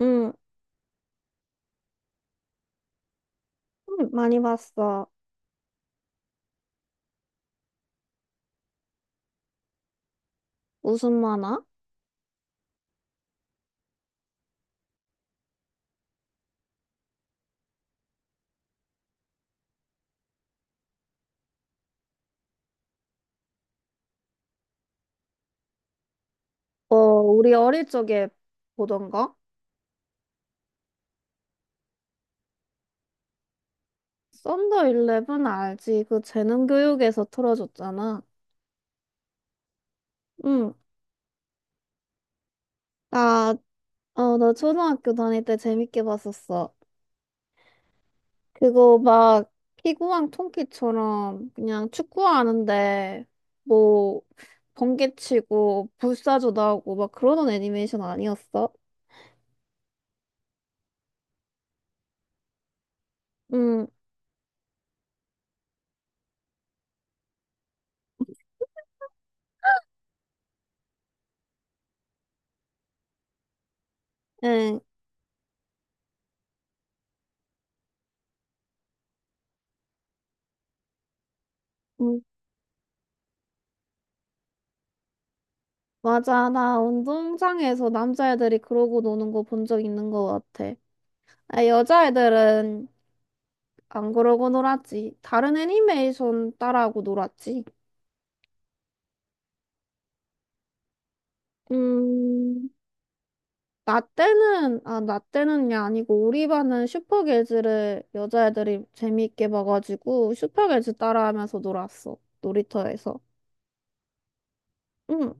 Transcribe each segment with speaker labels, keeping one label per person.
Speaker 1: 응, 응, 많이 봤어. 무슨 만화? 어, 우리 어릴 적에 보던 거? 썬더 일레븐 알지? 그 재능 교육에서 틀어줬잖아. 응, 나, 나 초등학교 다닐 때 재밌게 봤었어. 그거 막 피구왕 통키처럼 그냥 축구하는데 뭐 번개치고 불사조 나오고 막 그러던 애니메이션 아니었어? 응, 응. 맞아. 나 운동장에서 남자애들이 그러고 노는 거 본 적 있는 거 같아. 아, 여자애들은 안 그러고 놀았지. 다른 애니메이션 따라하고 놀았지. 음, 나 때는, 아, 나 때는 게 아니고, 우리 반은 슈퍼개즈를 여자애들이 재미있게 봐가지고, 슈퍼개즈 따라하면서 놀았어. 놀이터에서. 응,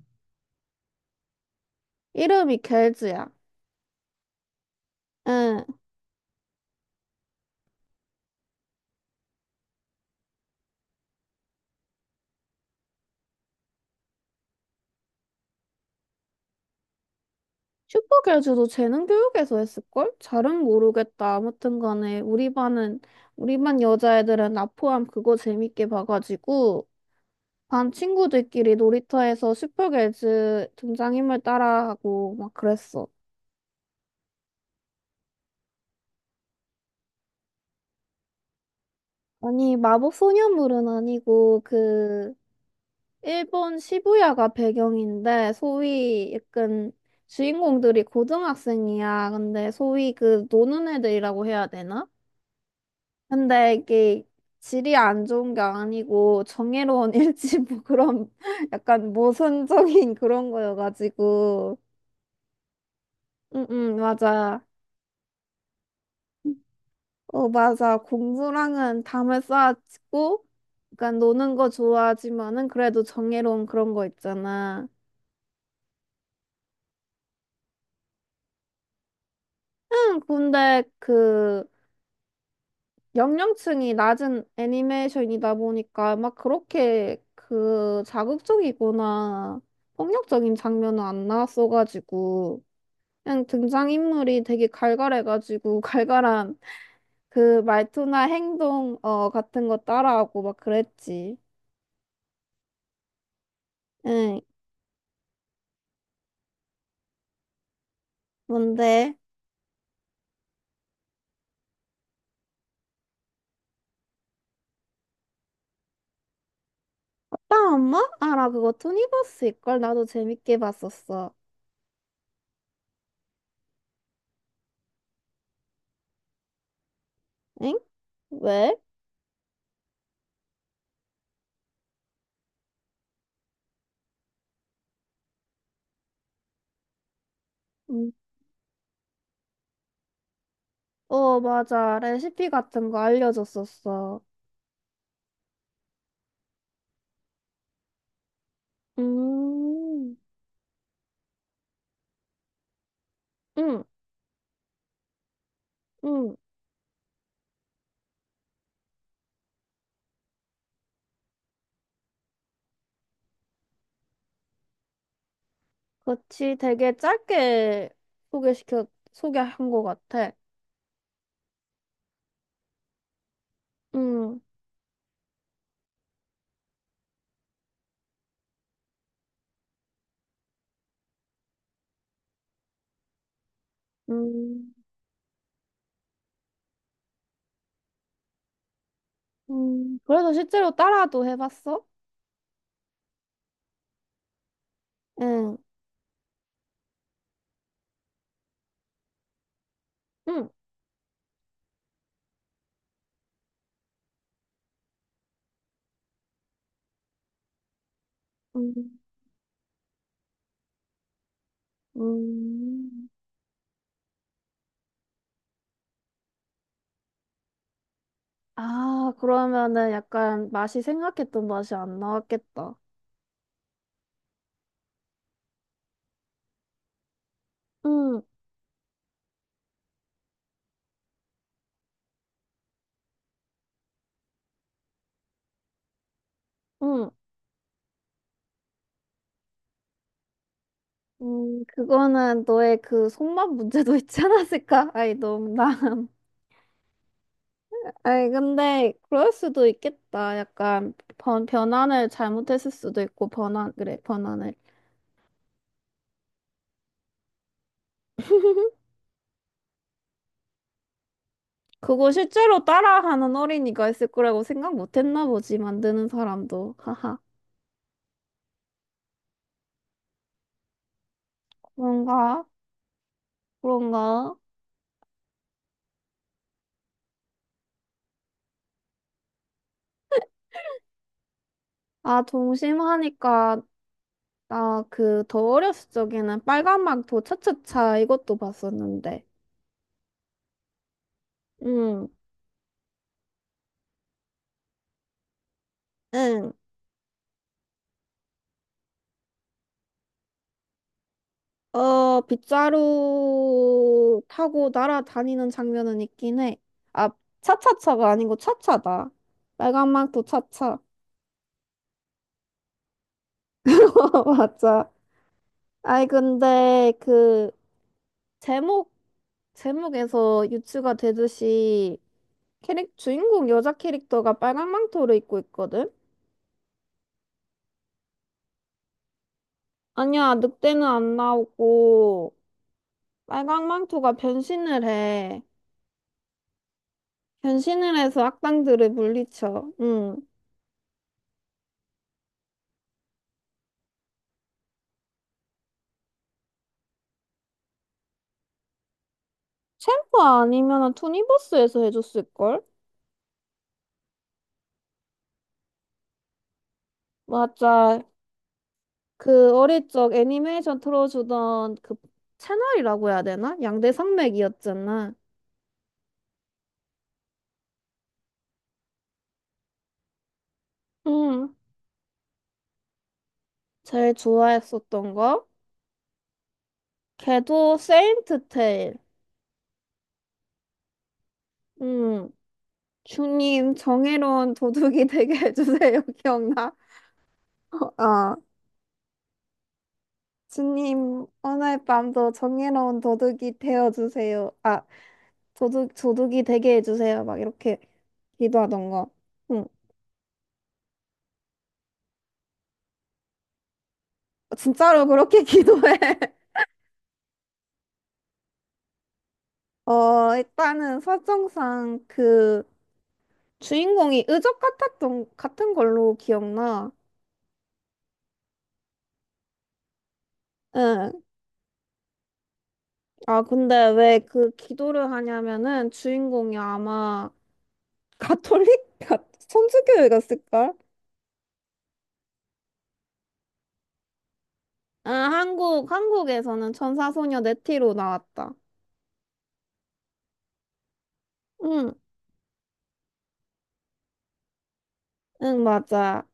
Speaker 1: 이름이 개즈야. 응. 슈퍼 교주도 재능 교육에서 했을걸? 잘은 모르겠다. 아무튼 간에 우리 반 여자애들은 나 포함 그거 재밌게 봐가지고 반 친구들끼리 놀이터에서 슈퍼 교주 등장인물 따라하고 막 그랬어. 아니 마법 소녀물은 아니고 그 일본 시부야가 배경인데 소위 약간 주인공들이 고등학생이야. 근데 소위 그 노는 애들이라고 해야 되나? 근데 이게 질이 안 좋은 게 아니고 정의로운 일치 뭐 그런 약간 모순적인 그런 거여가지고 응응 맞아 어 맞아 공부랑은 담을 쌓아치고 약간 노는 거 좋아하지만은 그래도 정의로운 그런 거 있잖아 응 근데 그 연령층이 낮은 애니메이션이다 보니까 막 그렇게 그 자극적이거나 폭력적인 장면은 안 나왔어가지고 그냥 등장인물이 되게 갈갈해가지고 갈갈한 그 말투나 행동 어 같은 거 따라하고 막 그랬지. 응. 뭔데? 나 엄마? 아, 나 그거 투니버스 일걸 나도 재밌게 봤었어. 응? 왜? 음. 어, 맞아. 레시피 같은 거 알려줬었어. 음, 응, 응. 그치. 되게 짧게 소개한 것 같아. 응, 음. 그래서 실제로 따라도 해봤어? 응, 응, 응. 음, 아, 그러면은 약간 맛이 생각했던 맛이 안 나왔겠다. 응, 응. 그거는 너의 그 손맛 문제도 있지 않았을까? 아이, 너무 나. 아이, 근데 그럴 수도 있겠다. 약간 변환을 잘못했을 수도 있고, 변환 그래, 변환을 그거 실제로 따라하는 어린이가 있을 거라고 생각 못 했나 보지, 만드는 사람도. 뭔가 그런가? 아, 동심하니까 나 그 더 어렸을 적에는 빨간막 도차차차 이것도 봤었는데. 응, 응. 어, 빗자루 타고 날아다니는 장면은 있긴 해. 아, 차차차가 아니고 차차다. 빨간막 도차차. 맞아. 아이, 근데 그 제목, 제목에서 유추가 되듯이 주인공 여자 캐릭터가 빨간 망토를 입고 있거든? 아니야, 늑대는 안 나오고 빨강망토가 변신을 해. 변신을 해서 악당들을 물리쳐. 응. 챔프 아니면 투니버스에서 해줬을걸? 맞아. 그 어릴 적 애니메이션 틀어주던 그 채널이라고 해야 되나? 양대 산맥이었잖아. 응. 제일 좋아했었던 거? 걔도 세인트 테일. 응. 주님, 정의로운 도둑이 되게 해주세요. 기억나? 어. 아. 주님, 오늘 밤도 정의로운 도둑이 되어주세요. 아, 도둑이 되게 해주세요. 막 이렇게 기도하던가. 응, 진짜로 그렇게 기도해. 어, 일단은 설정상 그 주인공이 의적 같았던, 같은 걸로 기억나. 응. 아, 근데 왜 그 기도를 하냐면은 주인공이 아마 가톨릭? 가- 천주교회 갔을걸? 아, 한국에서는 천사소녀 네티로 나왔다. 응. 응, 맞아.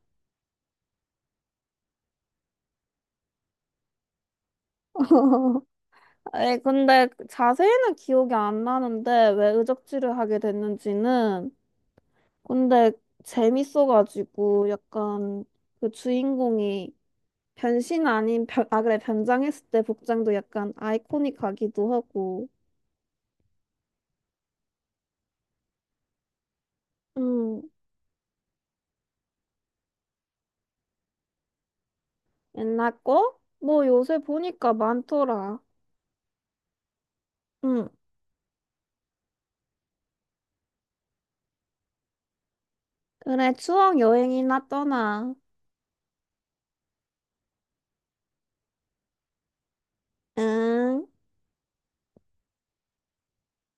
Speaker 1: 에 근데 자세히는 기억이 안 나는데 왜 의적지를 하게 됐는지는 근데 재밌어가지고 약간 그 주인공이 변신 아닌 아 그래 변장했을 때 복장도 약간 아이코닉하기도 하고 응 옛날 거? 뭐 요새 보니까 많더라. 응 그래 추억 여행이나 떠나. 응.